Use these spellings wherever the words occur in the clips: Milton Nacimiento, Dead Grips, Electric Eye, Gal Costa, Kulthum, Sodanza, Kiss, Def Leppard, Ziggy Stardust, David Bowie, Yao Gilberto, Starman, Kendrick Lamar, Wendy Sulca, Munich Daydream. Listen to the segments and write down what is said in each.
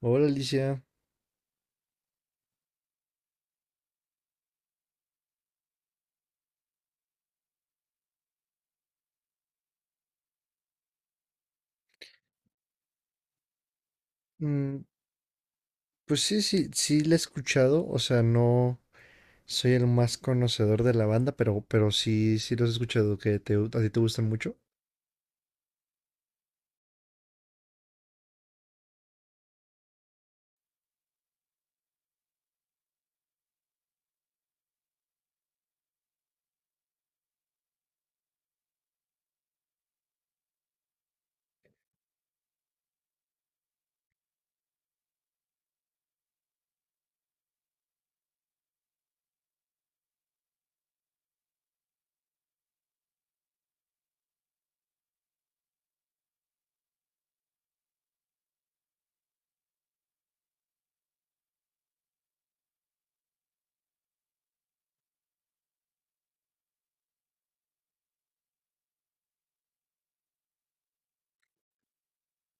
Hola, Alicia. Mm, pues sí, sí, sí la he escuchado. O sea, no soy el más conocedor de la banda, pero, sí, sí los he escuchado, que te, a ti te gustan mucho.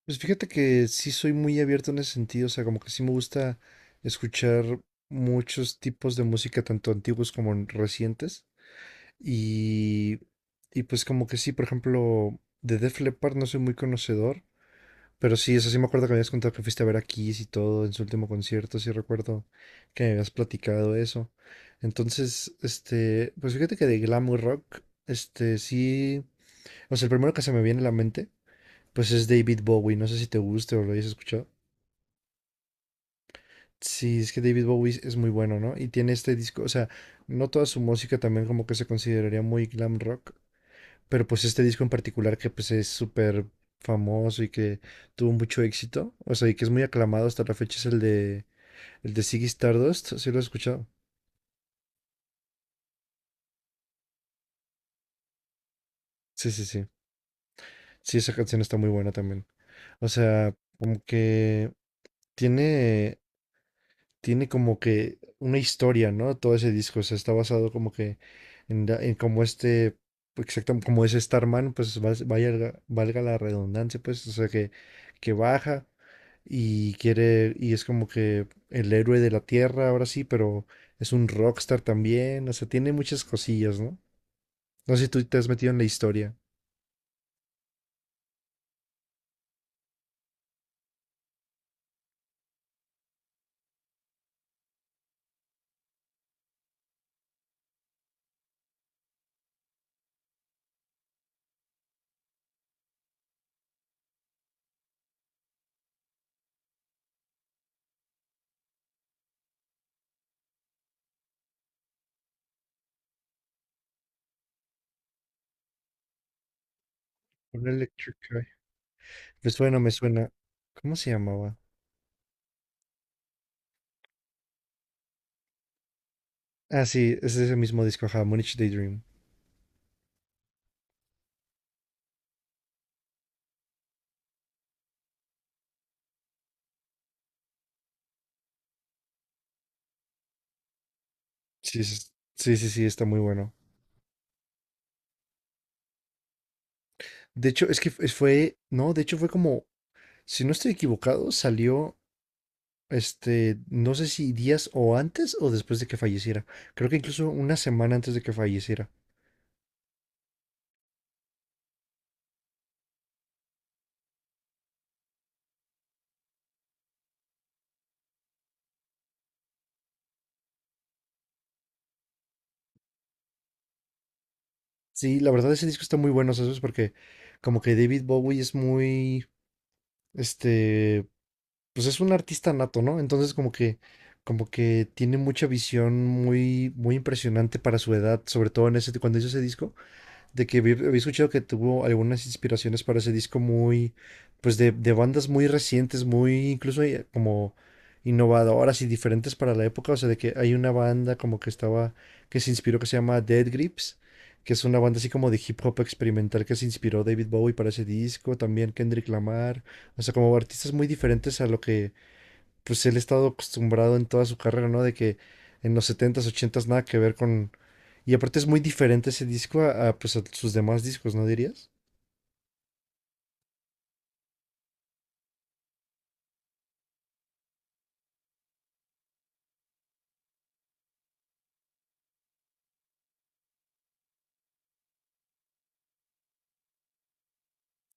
Pues fíjate que sí soy muy abierto en ese sentido. O sea, como que sí me gusta escuchar muchos tipos de música, tanto antiguos como recientes. Y, y pues como que sí, por ejemplo, de Def Leppard no soy muy conocedor, pero sí, eso sí me acuerdo que me habías contado que fuiste a ver a Kiss y todo en su último concierto. Sí recuerdo que me habías platicado eso. Entonces, pues fíjate que de glam rock, sí, o sea, el primero que se me viene a la mente, pues es David Bowie. No sé si te guste o lo hayas escuchado. Sí, es que David Bowie es muy bueno, ¿no? Y tiene este disco. O sea, no toda su música también como que se consideraría muy glam rock, pero pues este disco en particular, que pues es súper famoso y que tuvo mucho éxito, o sea, y que es muy aclamado hasta la fecha, es el de Ziggy Stardust. ¿Sí lo has escuchado? Sí, sí, sí. Sí, esa canción está muy buena también. O sea, como que tiene como que una historia, ¿no? Todo ese disco, o sea, está basado como que en, en como exacto, como es Starman, pues vaya, valga la redundancia, pues, o sea, que, baja y quiere, y es como que el héroe de la tierra, ahora sí, pero es un rockstar también. O sea, tiene muchas cosillas, ¿no? No sé si tú te has metido en la historia. Un Electric Eye. Me suena, me suena. ¿Cómo se llamaba? Ah, sí, es ese mismo disco, ajá, Munich Daydream. Sí, sí, sí, sí, está muy bueno. De hecho, es que fue como, si no estoy equivocado, salió, no sé si días o antes o después de que falleciera. Creo que incluso una semana antes de que falleciera. Sí, la verdad ese disco está muy bueno, ¿sabes? Porque como que David Bowie es muy, este, pues es un artista nato, ¿no? Entonces como que, tiene mucha visión muy, muy impresionante para su edad, sobre todo en ese, cuando hizo ese disco. De que había escuchado que tuvo algunas inspiraciones para ese disco muy, pues de, bandas muy recientes, muy incluso como innovadoras y diferentes para la época. O sea, de que hay una banda como que estaba, que se inspiró, que se llama Dead Grips, que es una banda así como de hip hop experimental, que se inspiró David Bowie para ese disco, también Kendrick Lamar. O sea, como artistas muy diferentes a lo que pues él ha estado acostumbrado en toda su carrera, ¿no? De que en los setentas ochentas nada que ver con y aparte es muy diferente ese disco a, pues, a sus demás discos, ¿no dirías?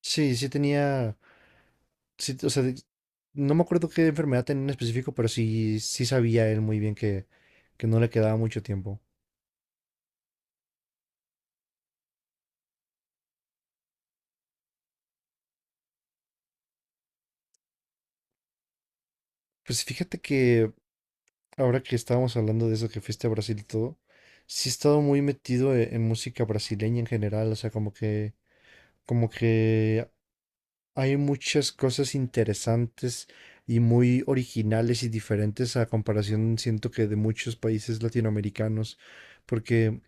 Sí, sí tenía, sí, o sea, no me acuerdo qué enfermedad tenía en específico, pero sí, sí sabía él muy bien que, no le quedaba mucho tiempo. Pues fíjate que ahora que estábamos hablando de eso, que fuiste a Brasil y todo, sí he estado muy metido música brasileña en general. O sea, como que, como que hay muchas cosas interesantes y muy originales y diferentes a comparación, siento que de muchos países latinoamericanos. Porque,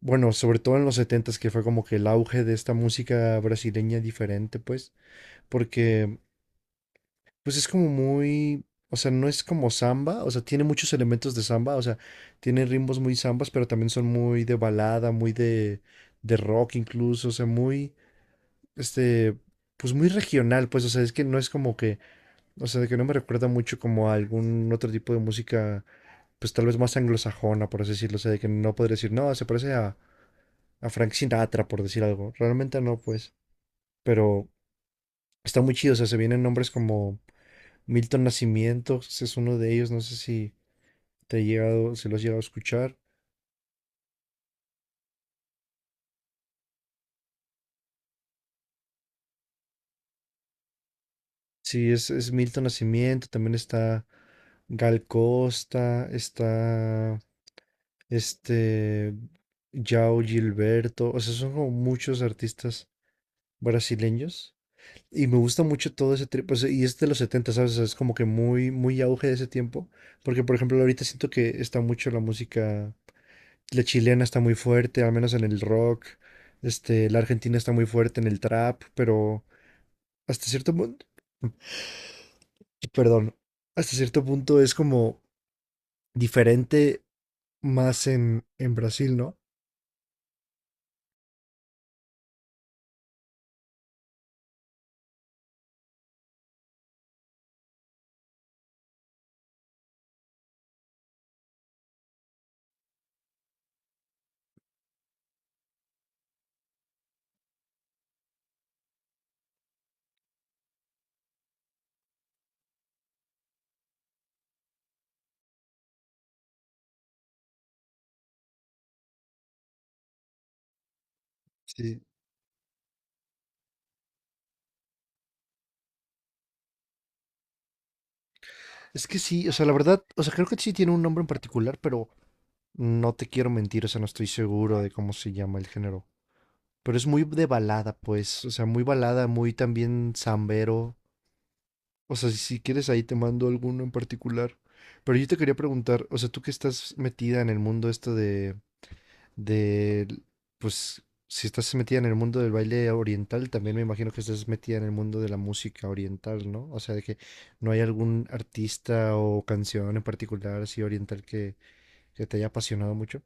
bueno, sobre todo en los setentas, que fue como que el auge de esta música brasileña diferente, pues, porque, pues es como muy, o sea, no es como samba. O sea, tiene muchos elementos de samba. O sea, tiene ritmos muy zambas, pero también son muy de balada, muy de, rock incluso, o sea, muy, este, pues muy regional, pues. O sea, es que no es como que o sea, de que no me recuerda mucho como a algún otro tipo de música, pues tal vez más anglosajona, por así decirlo. O sea, de que no podría decir, no, se parece a, Frank Sinatra, por decir algo. Realmente no, pues. Pero está muy chido. O sea, se vienen nombres como Milton Nacimiento, ese es uno de ellos. No sé si te he llegado, si lo has llegado a escuchar. Sí, es, Milton Nacimiento. También está Gal Costa, está este Yao Gilberto. O sea, son como muchos artistas brasileños. Y me gusta mucho todo ese trip, pues, y es de los 70, ¿sabes? O sea, es como que muy, muy auge de ese tiempo, porque por ejemplo ahorita siento que está mucho la música, la chilena está muy fuerte, al menos en el rock, la argentina está muy fuerte en el trap, pero hasta cierto punto, perdón, hasta cierto punto es como diferente más en, Brasil, ¿no? Sí. Es que sí, o sea, la verdad, o sea, creo que sí tiene un nombre en particular, pero no te quiero mentir. O sea, no estoy seguro de cómo se llama el género. Pero es muy de balada, pues, o sea, muy balada, muy también zambero. O sea, si quieres ahí te mando alguno en particular. Pero yo te quería preguntar, o sea, tú que estás metida en el mundo esto de, de, pues, si estás metida en el mundo del baile oriental, también me imagino que estás metida en el mundo de la música oriental, ¿no? O sea, de que no hay algún artista o canción en particular así oriental que, te haya apasionado mucho.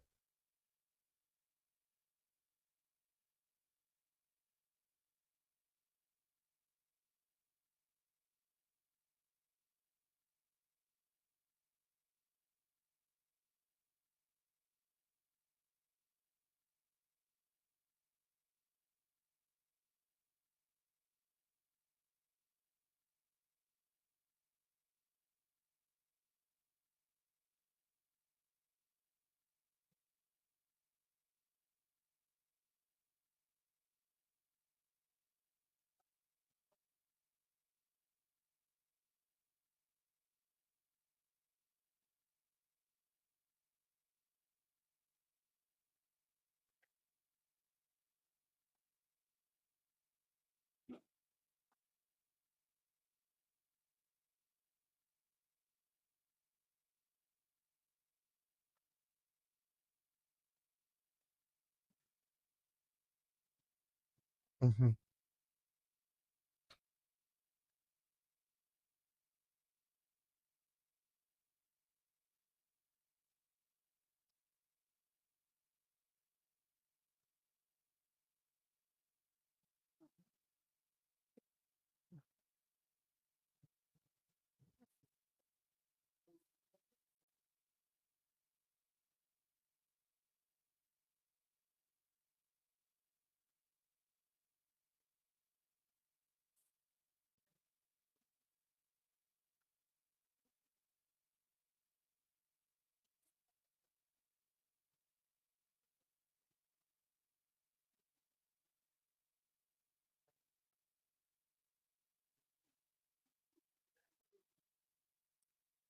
Ujú.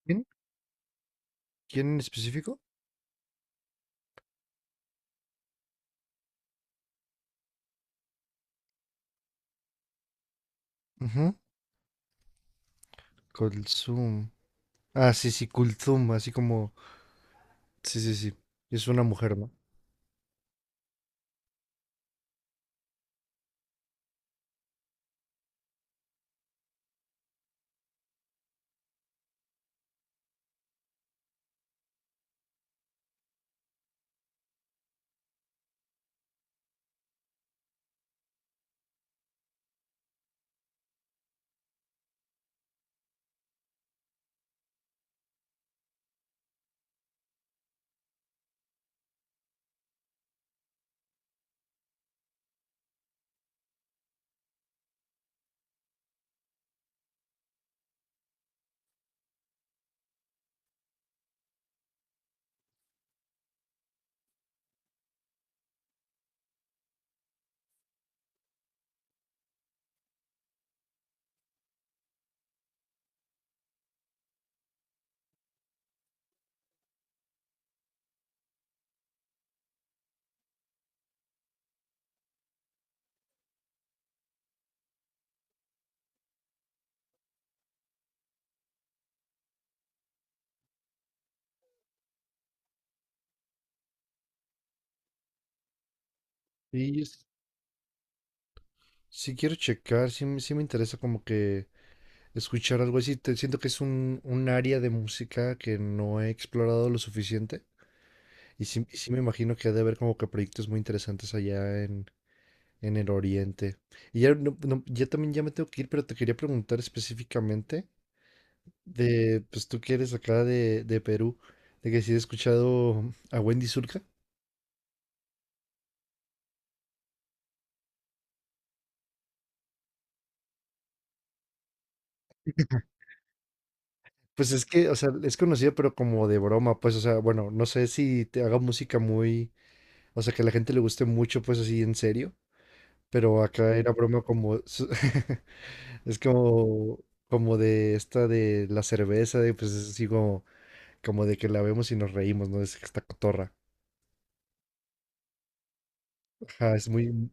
¿Quién? ¿Quién en específico? Ujú. Kulthum. Ah, sí, sí, Kulthum, así como, sí, sí, sí. Es una mujer, ¿no? Sí, sí quiero checar. Sí, me sí me interesa como que escuchar algo así. Te- siento que es un área de música que no he explorado lo suficiente, y sí, me imagino que ha de haber como que proyectos muy interesantes allá en el oriente. Y ya, no- no, ya también ya me tengo que ir, pero te quería preguntar específicamente de, pues tú que eres acá de, Perú, de que si he escuchado a Wendy Zulka. Pues es que, o sea, es conocida pero como de broma, pues, o sea, bueno, no sé si te haga música muy o sea, que a la gente le guste mucho, pues así en serio. Pero acá era broma como... su- es como, como de esta de la cerveza, de, pues es así como, como de que la vemos y nos reímos, ¿no? Es esta cotorra. Ajá, es muy...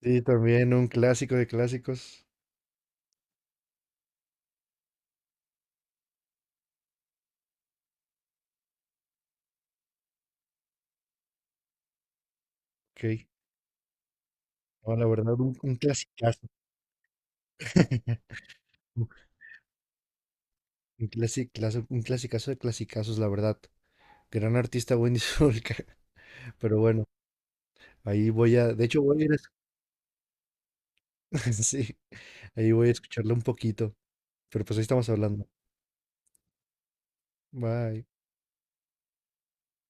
Sí, también un clásico de clásicos. Ok. No, la verdad, un, clasicazo. Un clasicazo de clasicazos, la verdad. Gran artista Wendy Sulca. Pero bueno, ahí voy a... De hecho, voy a ir a... es- Sí, ahí voy a escucharlo un poquito. Pero pues ahí estamos hablando. Bye.